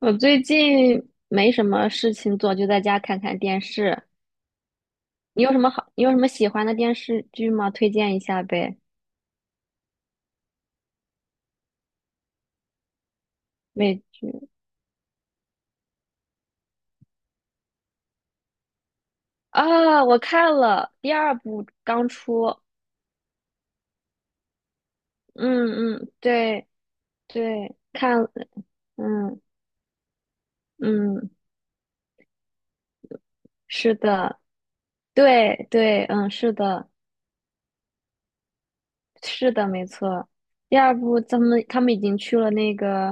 我最近没什么事情做，就在家看看电视。你有什么好？你有什么喜欢的电视剧吗？推荐一下呗。美剧啊，我看了第二部刚出，嗯嗯，对对，看了，嗯嗯，是的，对对，嗯是的，是的，没错。第二部，他们已经去了那个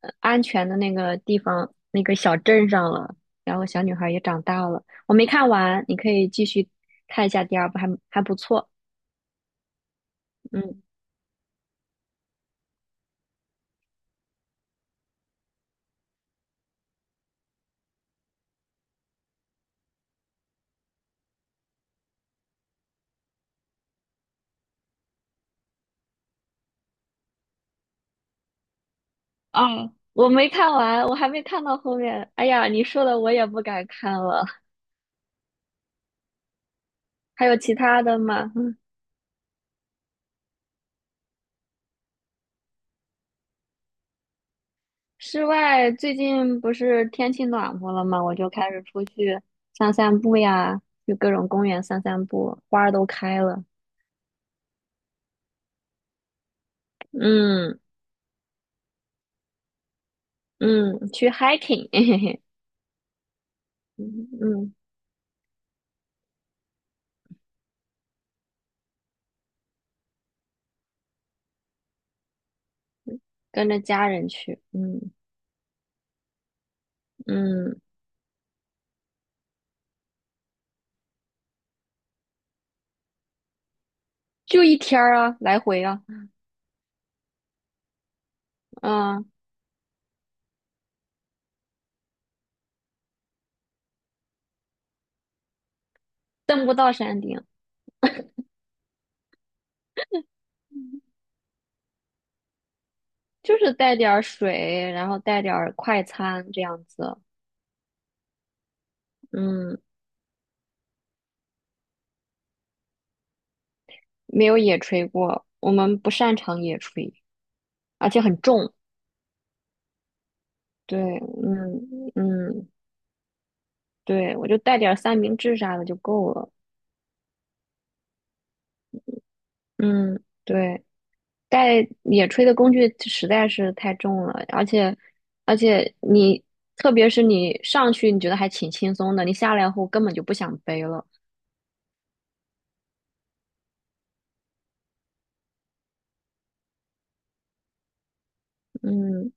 安全的那个地方，那个小镇上了。然后小女孩也长大了。我没看完，你可以继续看一下第二部，还不错。嗯，啊，我没看完，我还没看到后面。哎呀，你说的我也不敢看了。还有其他的吗？嗯，室外最近不是天气暖和了吗？我就开始出去散散步呀，去各种公园散散步，花儿都开了。嗯。嗯，去 hiking，嘿嘿嘿，嗯嗯，跟着家人去，嗯嗯，就一天儿啊，来回啊，嗯，登不到山顶，就是带点儿水，然后带点儿快餐这样子，嗯，没有野炊过，我们不擅长野炊，而且很重，对，嗯嗯，对，我就带点儿三明治啥的就够了，嗯，对。带野炊的工具实在是太重了，而且你特别是你上去你觉得还挺轻松的，你下来后根本就不想背了。嗯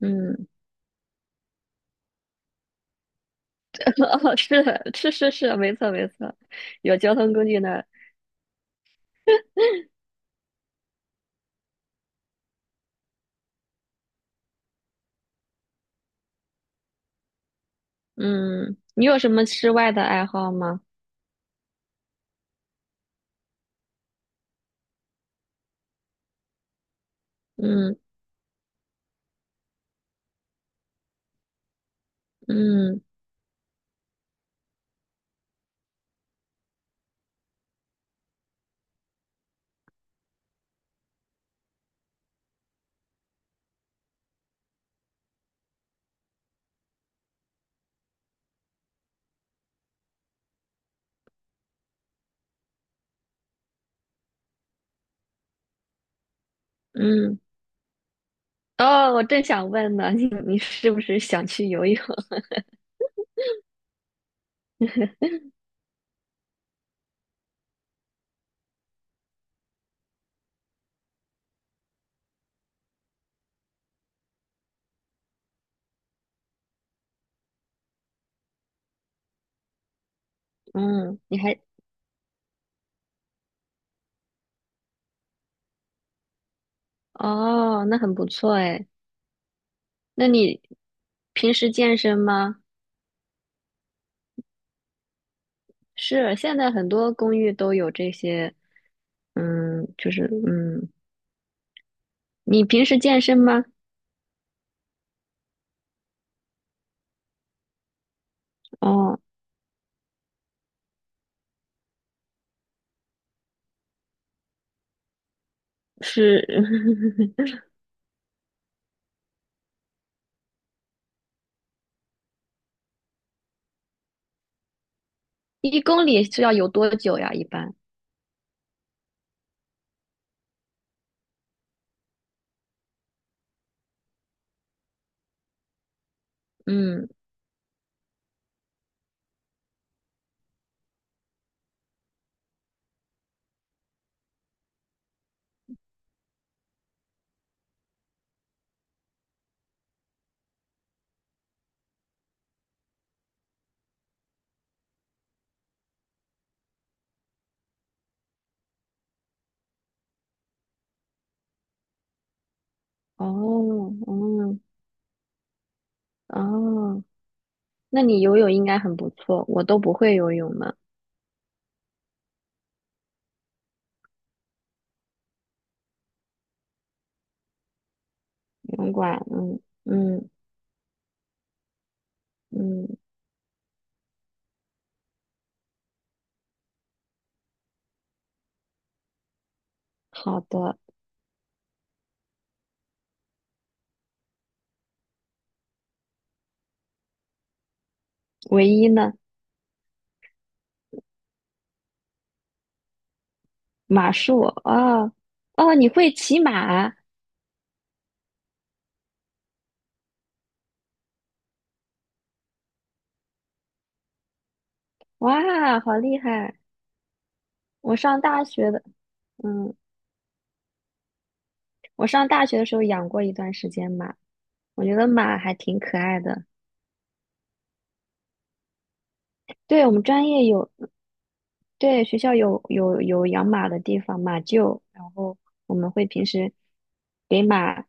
嗯，哦，是的是是是，没错没错，有交通工具的。嗯，你有什么室外的爱好吗？嗯嗯嗯。哦，我正想问呢，你是不是想去游泳？嗯，哦，那很不错哎。那你平时健身吗？是，现在很多公寓都有这些，嗯，就是嗯，你平时健身吗？哦，是，1公里是要游多久呀？一般，嗯，哦，哦，哦，那你游泳应该很不错，我都不会游泳呢，游泳馆，嗯嗯嗯，好的，唯一呢，马术，哦哦，你会骑马，哇，好厉害，我上大学的。嗯。我上大学的时候养过一段时间马，我觉得马还挺可爱的。对，我们专业有，对，学校有养马的地方，马厩，然后我们会平时给马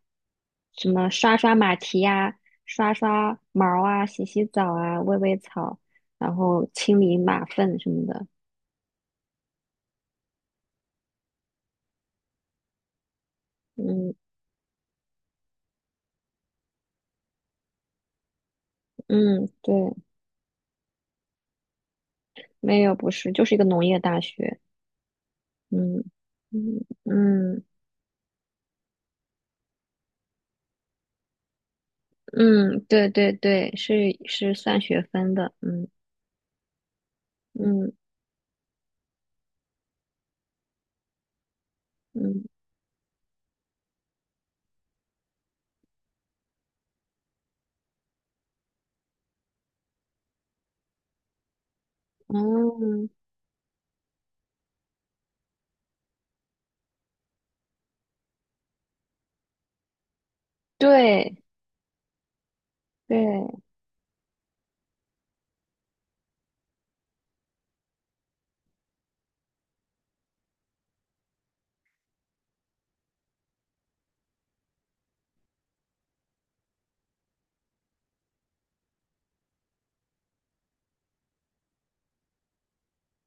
什么刷刷马蹄呀、刷刷毛啊、洗洗澡啊、喂喂草，然后清理马粪什么的。嗯嗯，对，没有，不是，就是一个农业大学。嗯嗯嗯。嗯，对对对，是算学分的，嗯嗯嗯，哦，对对，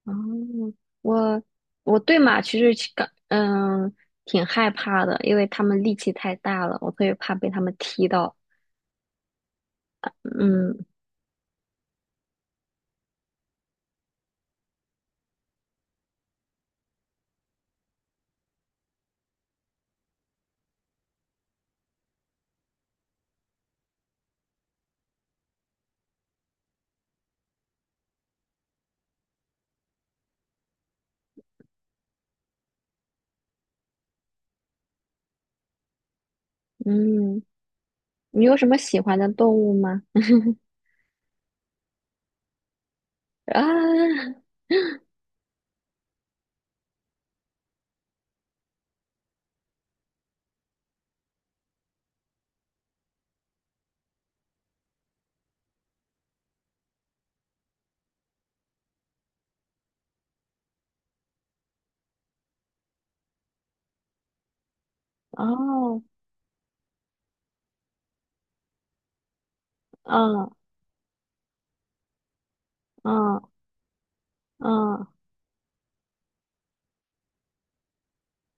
哦，我我对马其实其感嗯挺害怕的，因为他们力气太大了，我特别怕被他们踢到。嗯嗯，你有什么喜欢的动物吗？啊，哦，嗯嗯嗯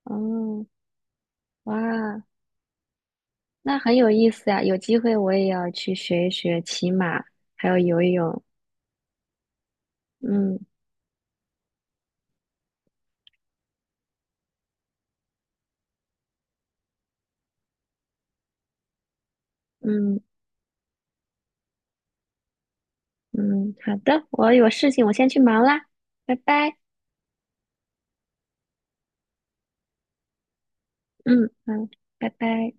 嗯，哇，那很有意思呀，有机会我也要去学一学骑马，还有游泳。嗯嗯嗯，好的，我有事情，我先去忙啦，拜拜。嗯嗯，拜拜。